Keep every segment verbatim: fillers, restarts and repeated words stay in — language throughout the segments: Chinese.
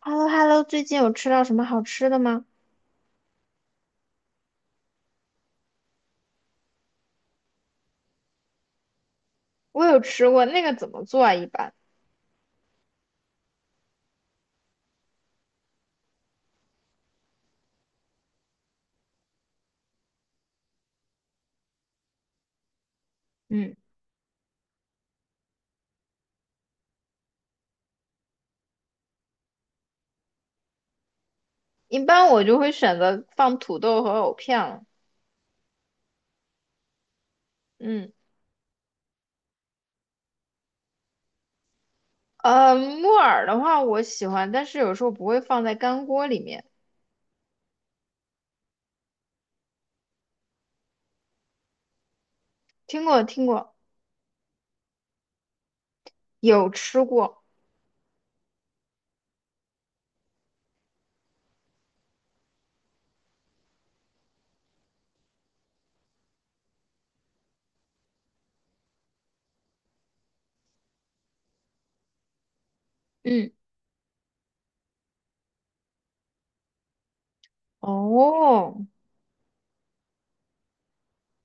h e l l o h e l l o 最近有吃到什么好吃的吗？我有吃过那个怎么做啊？一般，嗯，一般我就会选择放土豆和藕片了。嗯，呃，木耳的话我喜欢，但是有时候不会放在干锅里面。听过听过，有吃过。嗯，哦，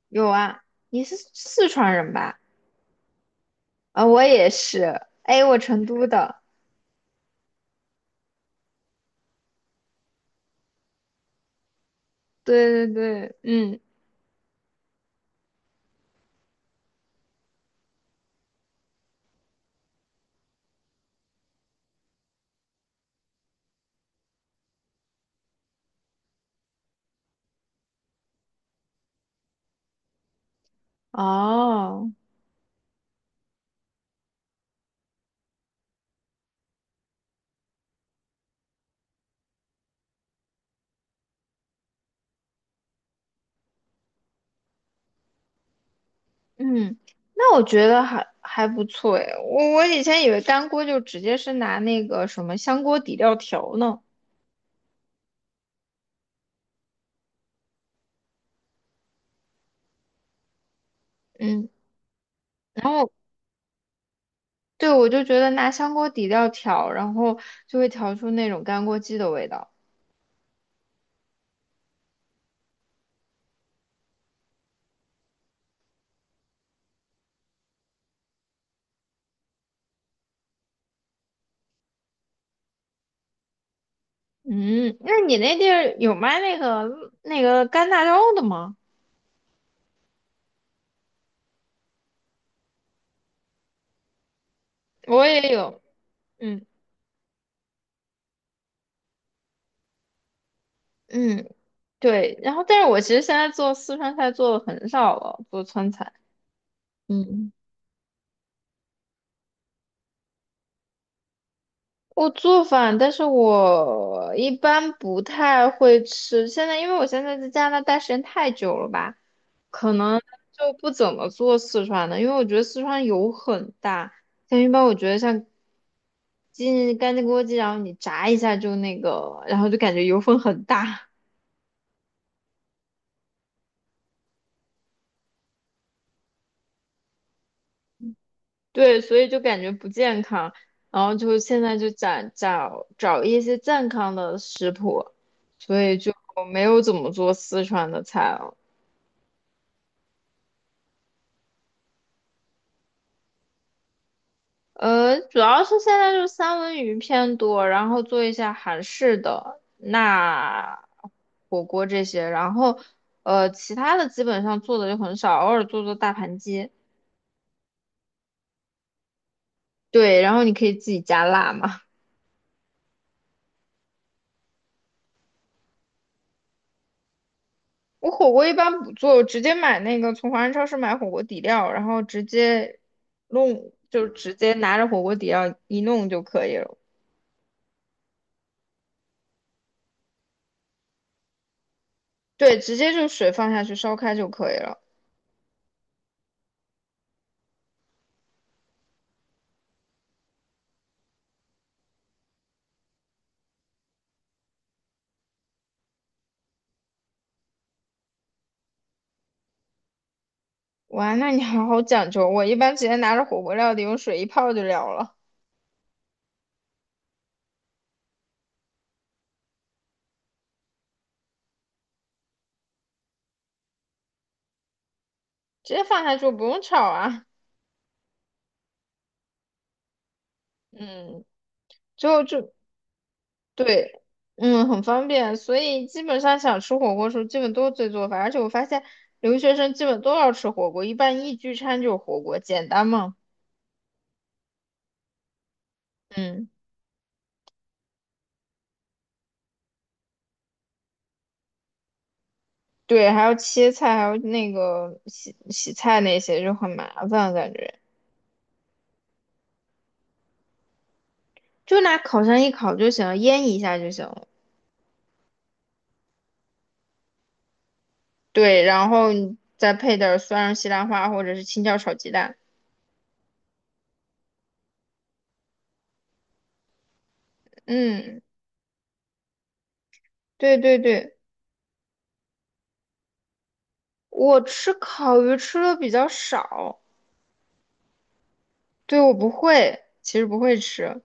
有啊，你是四川人吧？啊、我也是。哎，我成都的。对对对，嗯，哦。嗯，那我觉得还还不错诶，我我以前以为干锅就直接是拿那个什么香锅底料调呢，嗯，然后对我就觉得拿香锅底料调，然后就会调出那种干锅鸡的味道。嗯，那你那地儿有卖那个那个干辣椒的吗？我也有，嗯嗯，对，然后但是我其实现在做四川菜做的很少了，做川菜，嗯。我做饭，但是我一般不太会吃。现在因为我现在在加拿大时间太久了吧，可能就不怎么做四川的，因为我觉得四川油很大。像一般我觉得像鸡干净锅鸡，然后你炸一下就那个，然后就感觉油分很大，对，所以就感觉不健康。然后就现在就找找找一些健康的食谱，所以就没有怎么做四川的菜了。呃，主要是现在就是三文鱼偏多，然后做一下韩式的那火锅这些，然后呃其他的基本上做的就很少，偶尔做做大盘鸡。对，然后你可以自己加辣嘛。我火锅一般不做，我直接买那个从华人超市买火锅底料，然后直接弄，就直接拿着火锅底料一弄就可以了。对，直接就水放下去烧开就可以了。哇，那你好好讲究。我一般直接拿着火锅料底用水一泡就了了，直接放下去不用炒啊。嗯，最后就对，嗯，很方便。所以基本上想吃火锅的时候，基本都是自己做饭。而且我发现留学生基本都要吃火锅，一般一聚餐就是火锅，简单嘛。嗯，对，还要切菜，还有那个洗洗菜那些就很麻烦，感觉就拿烤箱一烤就行了，腌一下就行了。对，然后你再配点儿蒜蓉西兰花或者是青椒炒鸡蛋。嗯，对对对，我吃烤鱼吃的比较少，对，我不会，其实不会吃。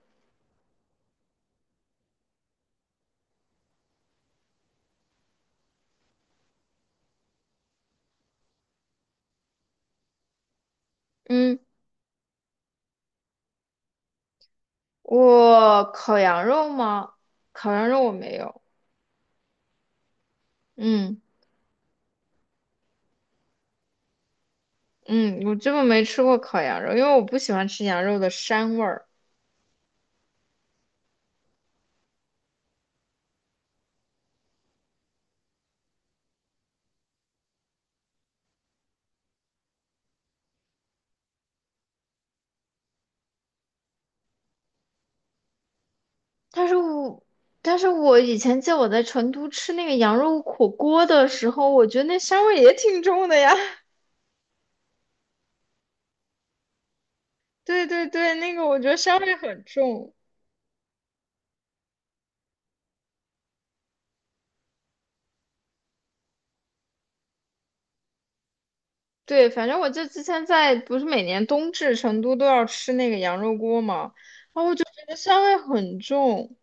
嗯，我烤羊肉吗？烤羊肉我没有。嗯嗯，我根本没吃过烤羊肉，因为我不喜欢吃羊肉的膻味儿。但是我，但是我以前记得我在成都吃那个羊肉火锅的时候，我觉得那膻味也挺重的呀。对对对，那个我觉得香味很重。对，反正我就之前在不是每年冬至成都都要吃那个羊肉锅嘛，然后我就觉得香味很重，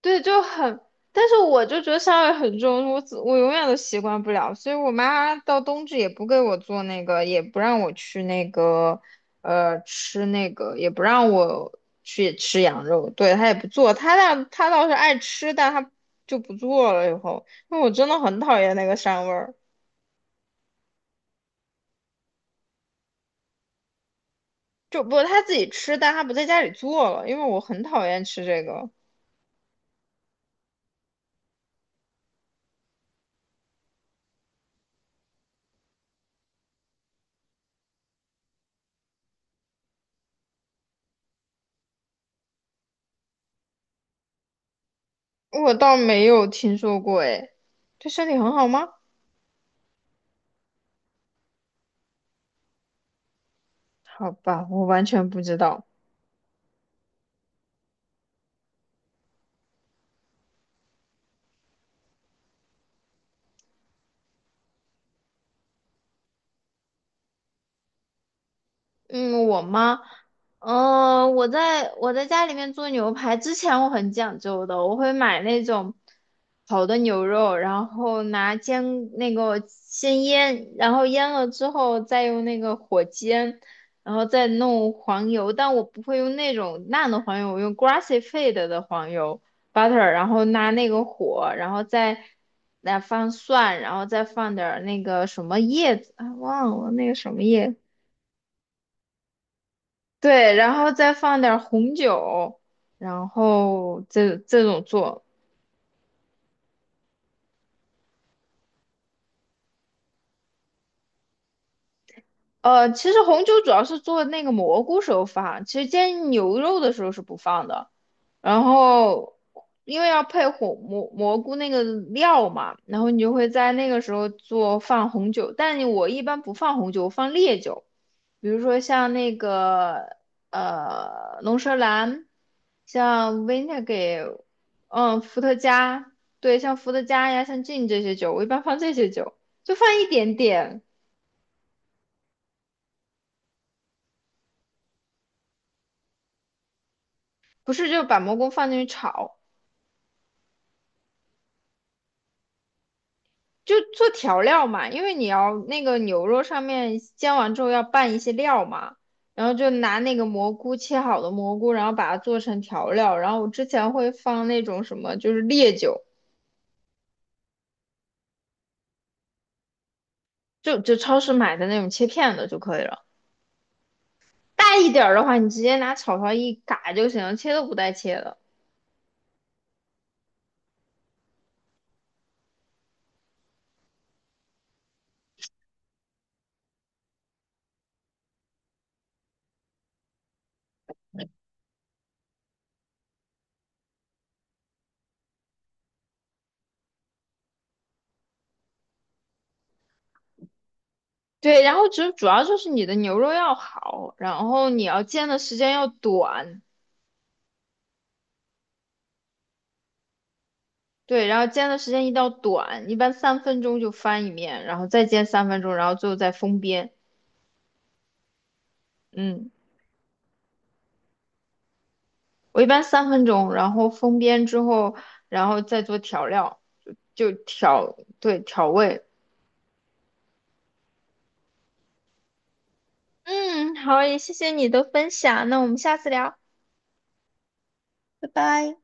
对，就很，但是我就觉得香味很重，我我永远都习惯不了，所以我妈到冬至也不给我做那个，也不让我去那个，呃，吃那个，也不让我去吃羊肉，对，她也不做，她倒她倒是爱吃，但她就不做了以后，因为我真的很讨厌那个膻味儿。就不他自己吃，但他不在家里做了，因为我很讨厌吃这个，我倒没有听说过哎，对身体很好吗？好吧，我完全不知道。嗯，我吗？呃，我在我在家里面做牛排之前，我很讲究的，我会买那种好的牛肉，然后拿煎那个先腌，然后腌了之后再用那个火煎，然后再弄黄油，但我不会用那种烂的黄油，我用 grass-fed 的黄油 butter,然后拿那个火，然后再来放蒜，然后再放点儿那个什么叶子，啊，忘了那个什么叶。对，然后再放点儿红酒，然后这这种做。呃，其实红酒主要是做那个蘑菇时候放，其实煎牛肉的时候是不放的。然后因为要配红蘑蘑菇那个料嘛，然后你就会在那个时候做放红酒，但我一般不放红酒，我放烈酒。比如说像那个呃龙舌兰，像 v i n e g a r 嗯，伏特加，对，像伏特加呀，像 gin 这些酒，我一般放这些酒，就放一点点，不是就把蘑菇放进去炒，就做调料嘛，因为你要那个牛肉上面煎完之后要拌一些料嘛。然后就拿那个蘑菇切好的蘑菇，然后把它做成调料。然后我之前会放那种什么，就是烈酒，就就超市买的那种切片的就可以了。大一点儿的话，你直接拿炒勺一嘎就行，切都不带切的。对，然后主主要就是你的牛肉要好，然后你要煎的时间要短，对，然后煎的时间一定要短，一般三分钟就翻一面，然后再煎三分钟，然后最后再封边。嗯，我一般三分钟，然后封边之后，然后再做调料，就调，对，调味。嗯，好，也谢谢你的分享，那我们下次聊，拜拜。